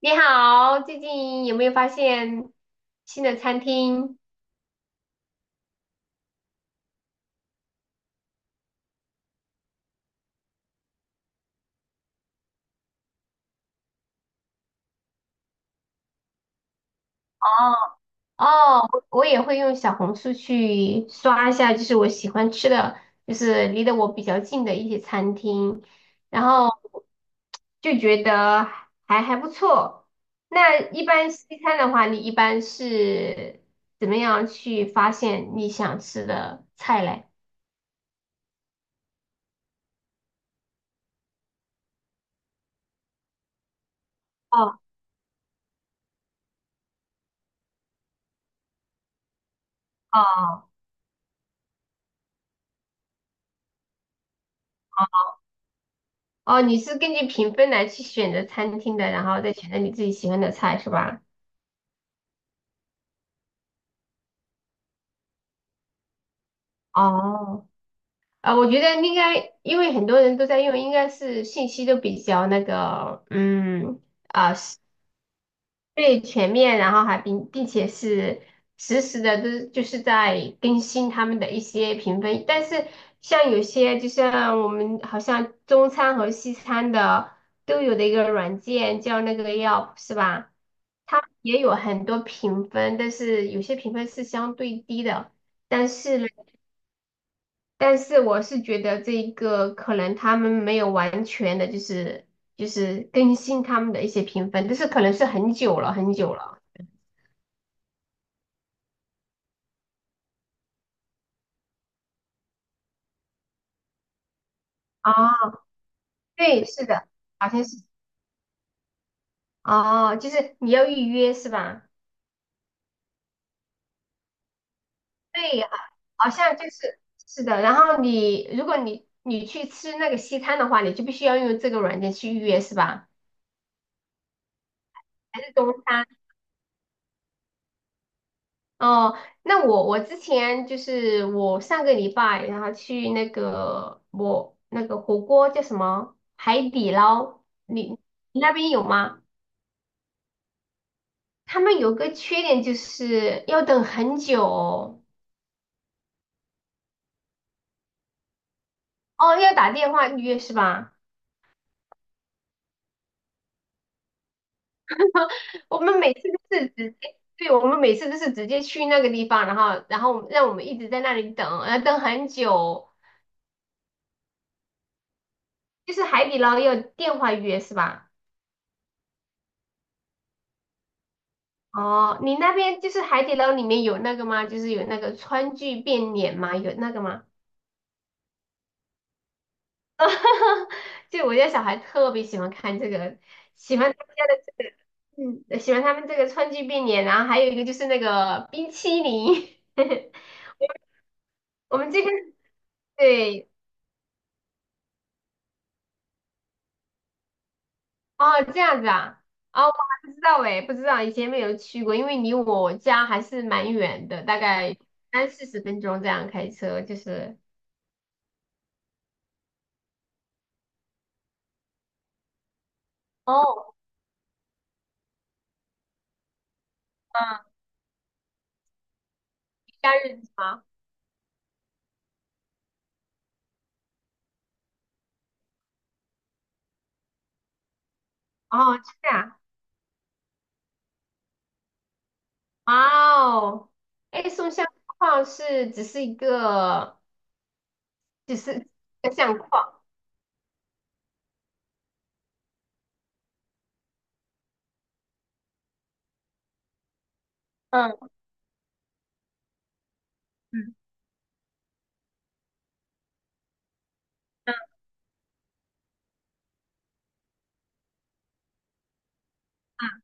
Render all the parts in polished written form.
你好，最近有没有发现新的餐厅？哦，哦，我也会用小红书去刷一下，就是我喜欢吃的，就是离得我比较近的一些餐厅，然后就觉得还不错。那一般西餐的话，你一般是怎么样去发现你想吃的菜嘞？哦哦哦，你是根据评分来去选择餐厅的，然后再选择你自己喜欢的菜是吧？哦，啊，我觉得应该，因为很多人都在用，应该是信息都比较那个，嗯，最全面，然后还并且是实时的，都就是在更新他们的一些评分。但是像有些，就像我们好像中餐和西餐的都有的一个软件叫那个 Yelp 是吧？它也有很多评分，但是有些评分是相对低的。但是呢，但是我是觉得这一个可能他们没有完全的，就是就是更新他们的一些评分，但是可能是很久了。啊，对，是的，好像是哦，就是你要预约是吧？对，好好像就是是的。然后你如果你去吃那个西餐的话，你就必须要用这个软件去预约是吧？还是中餐？哦，那我之前就是我上个礼拜，然后去那个我那个火锅叫什么海底捞，你你那边有吗？他们有个缺点就是要等很久哦，哦要打电话预约是吧？我们每次都是直接，对，我们每次都是直接去那个地方，然后然后让我们一直在那里等，要等很久哦，就是海底捞要电话预约是吧？哦，你那边就是海底捞里面有那个吗？就是有那个川剧变脸吗？有那个吗？就我家小孩特别喜欢看这个，喜欢他们家的这个，嗯，喜欢他们这个川剧变脸，然后还有一个就是那个冰淇淋。我们这边对哦，这样子啊，哦，我还不知道哎，不知道以前没有去过，因为离我家还是蛮远的，大概三四十分钟这样开车，就是哦，嗯，假日是吗？哦，这样。哇哦，哎，送相框是只是一个，只是一个相框，嗯嗯嗯，嗯。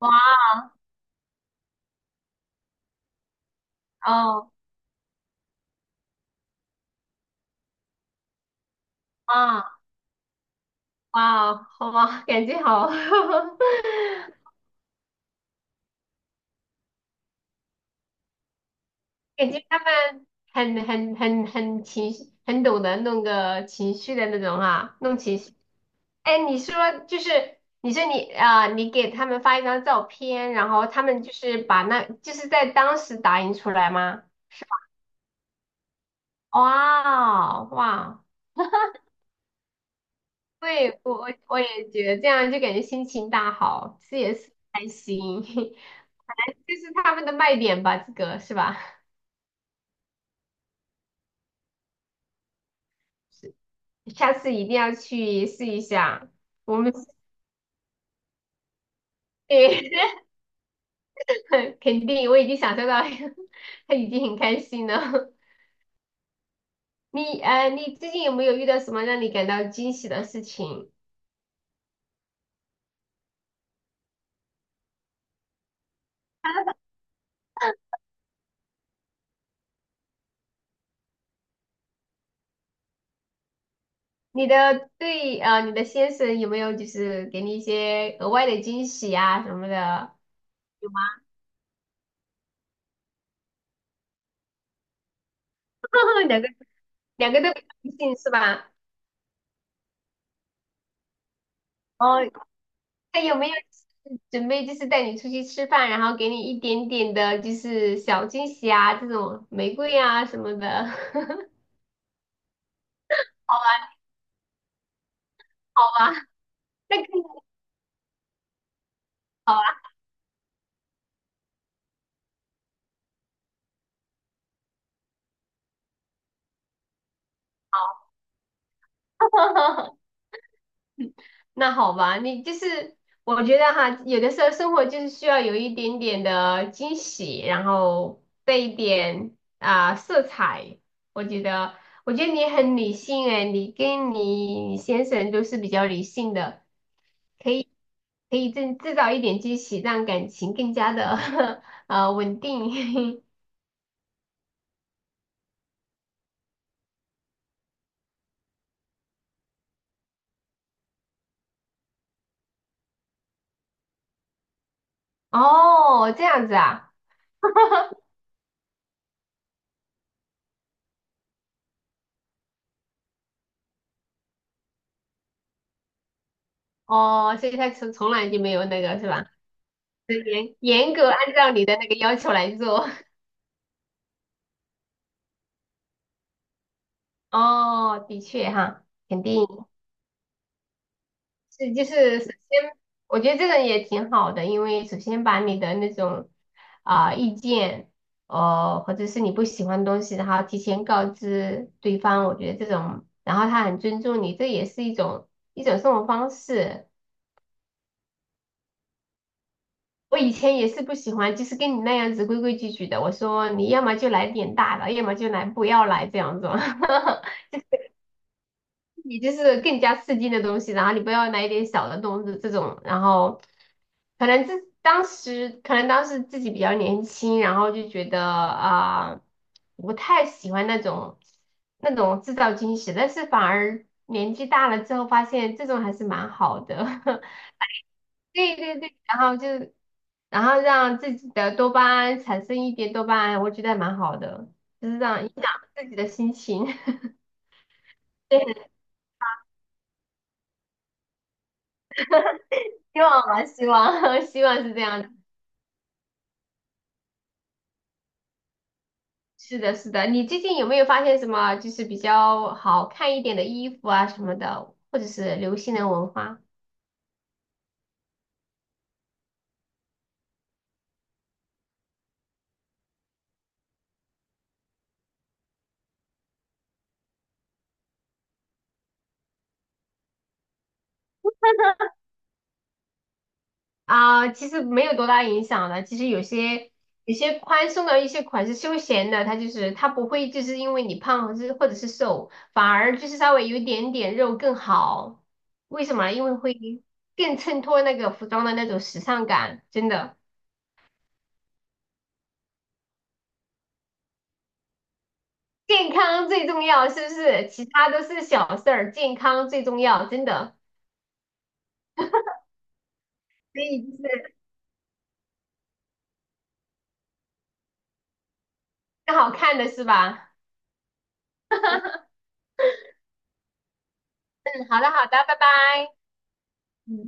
哇哦，哇哇哦，好吧，感觉好，感觉他们很情绪，很懂得弄个情绪的那种啊，弄情绪。哎，你说就是你说你啊、你给他们发一张照片，然后他们就是把那就是在当时打印出来吗？哇哦哇！对，我也觉得这样就感觉心情大好，吃也是开心，这是他们的卖点吧，这个是吧？是下次一定要去试一下。我们对，肯定我已经享受到，他已经很开心了。你你最近有没有遇到什么让你感到惊喜的事情？你的对你的先生有没有就是给你一些额外的惊喜啊什么的？有吗？两个都比较尽兴是吧？哦，他有没有就是准备就是带你出去吃饭，然后给你一点点的就是小惊喜啊，这种玫瑰啊什么的？好吧，好吧，那更好吧，那好吧，你就是我觉得哈，有的时候生活就是需要有一点点的惊喜，然后带一点啊、色彩。我觉得，我觉得你很理性诶，你跟你先生都是比较理性的。可以可以制造一点惊喜，让感情更加的 稳定。哦，这样子啊，哦，所以他从来就没有那个是吧？就严格按照你的那个要求来做。哦，的确哈，肯定。是就是首先，我觉得这个也挺好的，因为首先把你的那种啊、意见，或者是你不喜欢的东西，然后提前告知对方，我觉得这种，然后他很尊重你，这也是一种生活方式。我以前也是不喜欢，就是跟你那样子规规矩矩的，我说你要么就来点大的，要么就来不要来这样子。你就是更加刺激的东西，然后你不要买一点小的东西这种，然后可能自当时可能当时自己比较年轻，然后就觉得啊、不太喜欢那种制造惊喜，但是反而年纪大了之后发现这种还是蛮好的，对对对，然后就然后让自己的多巴胺产生一点多巴胺，我觉得还蛮好的，就是这样影响自己的心情，对，希望吧，希望 希望是这样子。是的，是的。你最近有没有发现什么就是比较好看一点的衣服啊什么的，或者是流行的文化啊？其实没有多大影响的。其实有些宽松的一些款式休闲的，它就是它不会就是因为你胖或是或者是瘦，反而就是稍微有一点点肉更好。为什么？因为会更衬托那个服装的那种时尚感，真的。健康最重要，是不是？其他都是小事儿，健康最重要，真的。所以就是更好看的是吧？嗯，好的好的，拜拜。嗯。